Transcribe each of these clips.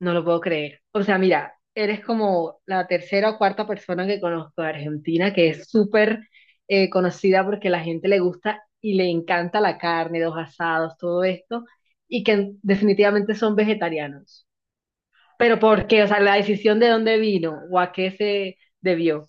No lo puedo creer. O sea, mira, eres como la tercera o cuarta persona que conozco de Argentina que es súper conocida porque la gente le gusta y le encanta la carne, los asados, todo esto, y que definitivamente son vegetarianos. Pero ¿por qué? O sea, la decisión de dónde vino o a qué se debió.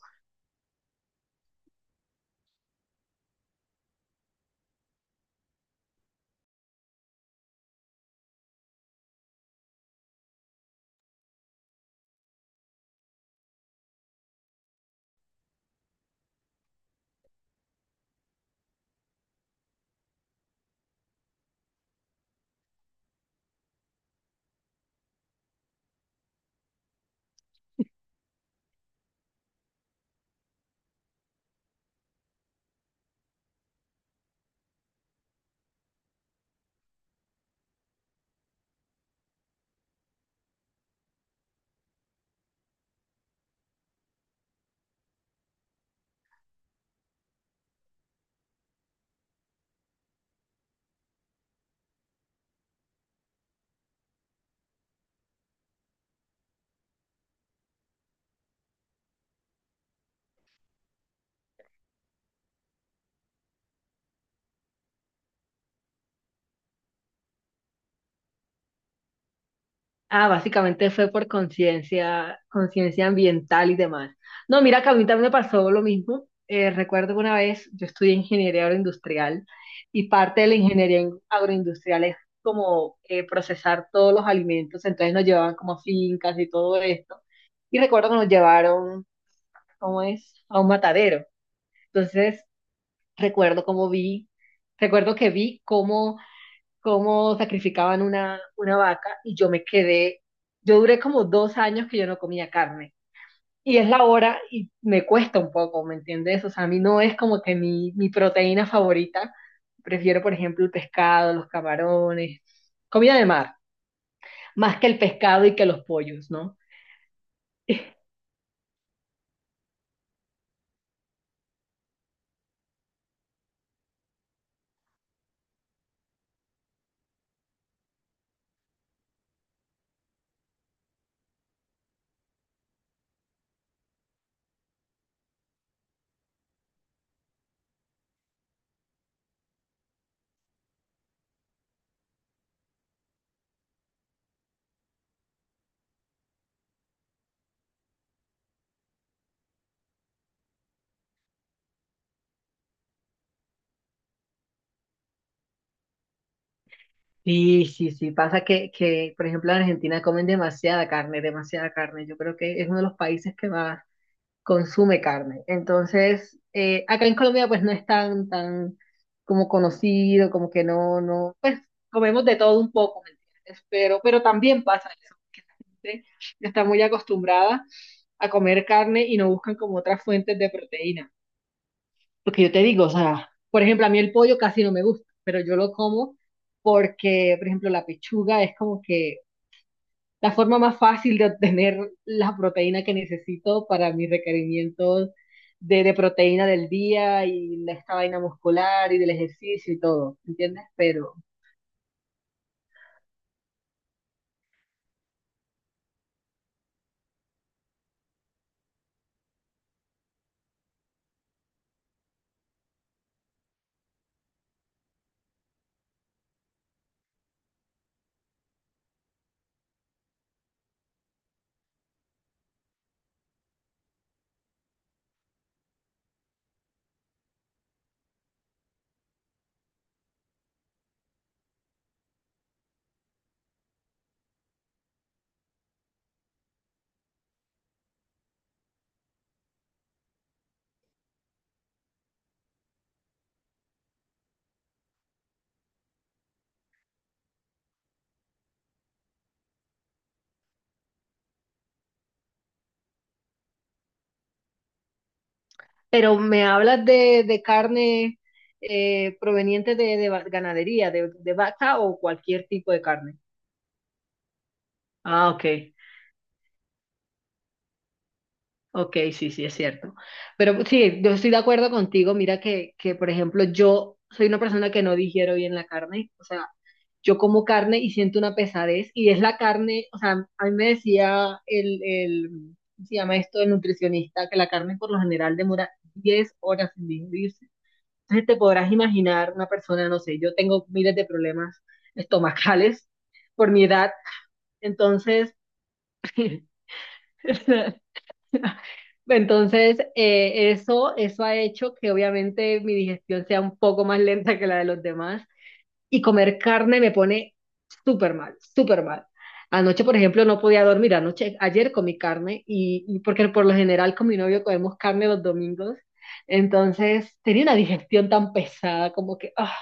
Ah, básicamente fue por conciencia, conciencia ambiental y demás. No, mira que a mí también me pasó lo mismo. Recuerdo que una vez yo estudié ingeniería agroindustrial y parte de la ingeniería agroindustrial es como procesar todos los alimentos. Entonces nos llevaban como a fincas y todo esto. Y recuerdo que nos llevaron, ¿cómo es? A un matadero. Entonces recuerdo cómo vi, recuerdo que vi cómo sacrificaban una vaca y yo duré como 2 años que yo no comía carne. Y es la hora y me cuesta un poco, ¿me entiendes? O sea, a mí no es como que mi proteína favorita. Prefiero, por ejemplo, el pescado, los camarones, comida de mar, más que el pescado y que los pollos, ¿no? Sí, sí, sí, pasa que, por ejemplo, en Argentina comen demasiada carne, demasiada carne. Yo creo que es uno de los países que más consume carne. Entonces, acá en Colombia pues no es tan como conocido, como que no, no, pues comemos de todo un poco, ¿me entiendes? Pero también pasa eso, que la gente está muy acostumbrada a comer carne y no buscan como otras fuentes de proteína. Porque yo te digo, o sea, por ejemplo, a mí el pollo casi no me gusta, pero yo lo como porque, por ejemplo, la pechuga es como que la forma más fácil de obtener la proteína que necesito para mis requerimientos de proteína del día y de esta vaina muscular y del ejercicio y todo, ¿entiendes? Pero, pero me hablas de carne proveniente de ganadería, de vaca o cualquier tipo de carne. Ah, ok. Ok, sí, sí, es cierto. Pero pues, sí, yo estoy de acuerdo contigo. Mira que, por ejemplo, yo soy una persona que no digiero bien la carne. O sea, yo como carne y siento una pesadez. Y es la carne, o sea, a mí me decía el, ¿cómo se llama esto? El nutricionista, que la carne por lo general demora 10 horas en digerirse. Entonces te podrás imaginar una persona, no sé, yo tengo miles de problemas estomacales por mi edad. Entonces, entonces, eso, eso ha hecho que obviamente mi digestión sea un poco más lenta que la de los demás y comer carne me pone súper mal, súper mal. Anoche, por ejemplo, no podía dormir. Anoche, ayer comí carne y porque por lo general con mi novio comemos carne los domingos. Entonces, tenía una digestión tan pesada como que, ah.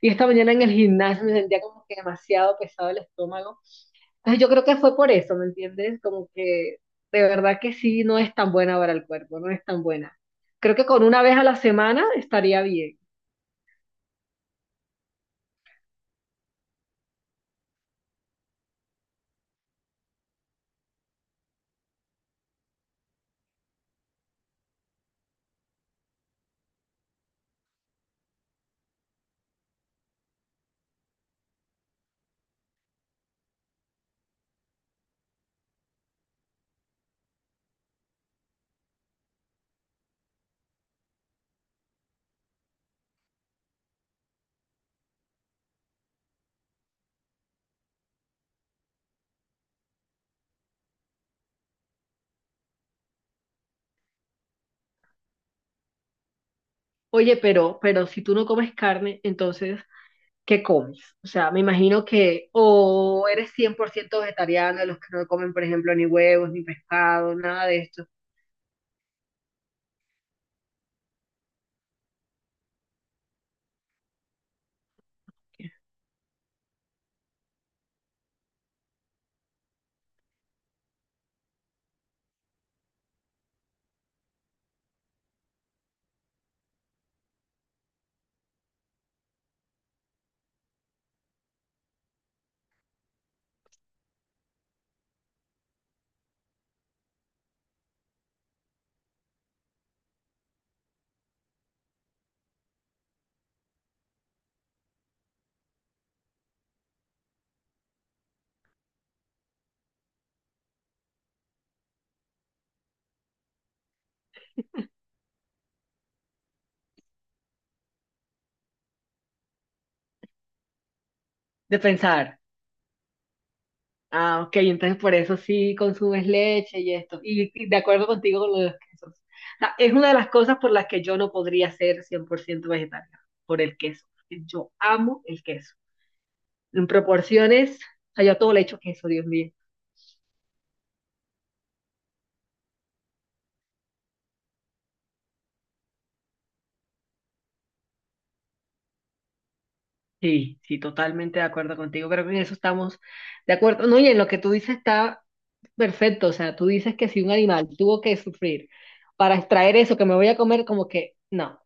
Y esta mañana en el gimnasio me sentía como que demasiado pesado el estómago. Entonces yo creo que fue por eso, ¿me entiendes? Como que de verdad que sí, no es tan buena para el cuerpo, no es tan buena. Creo que con una vez a la semana estaría bien. Oye, pero si tú no comes carne, entonces, ¿qué comes? O sea, me imagino que o eres 100% vegetariano, de los que no comen, por ejemplo, ni huevos, ni pescado, nada de esto, de pensar. Ah, ok, entonces por eso sí consumes leche y esto. Y de acuerdo contigo con lo de los quesos. O sea, es una de las cosas por las que yo no podría ser 100% vegetariana, por el queso. Yo amo el queso. En proporciones, o sea, yo a todo le echo queso, Dios mío. Sí, sí, totalmente de acuerdo contigo, pero en eso estamos de acuerdo. No, y en lo que tú dices está perfecto. O sea, tú dices que si un animal tuvo que sufrir para extraer eso que me voy a comer, como que no,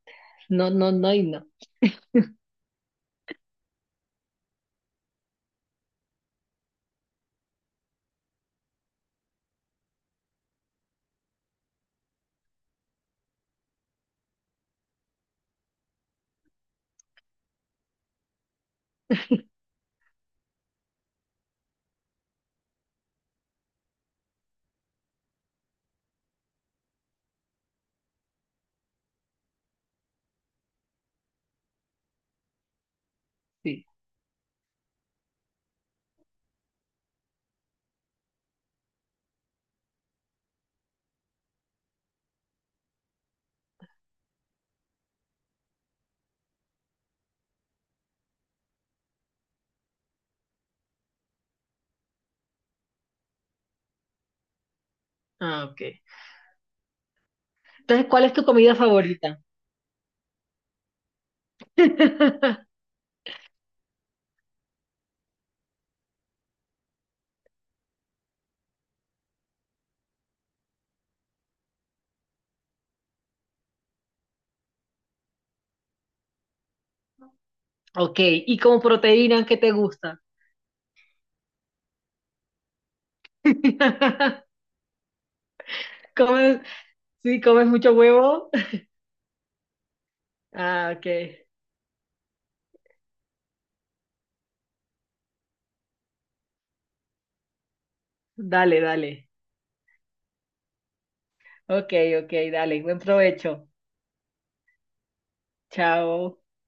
no, no, no y no. Sí. Ah, ok. Entonces, ¿cuál es tu comida favorita? Ok, y como proteína, ¿qué te gusta? ¿Comes, sí, comes mucho huevo? Ah, ok. Dale, dale. Ok, ok, dale. Buen provecho. Chao.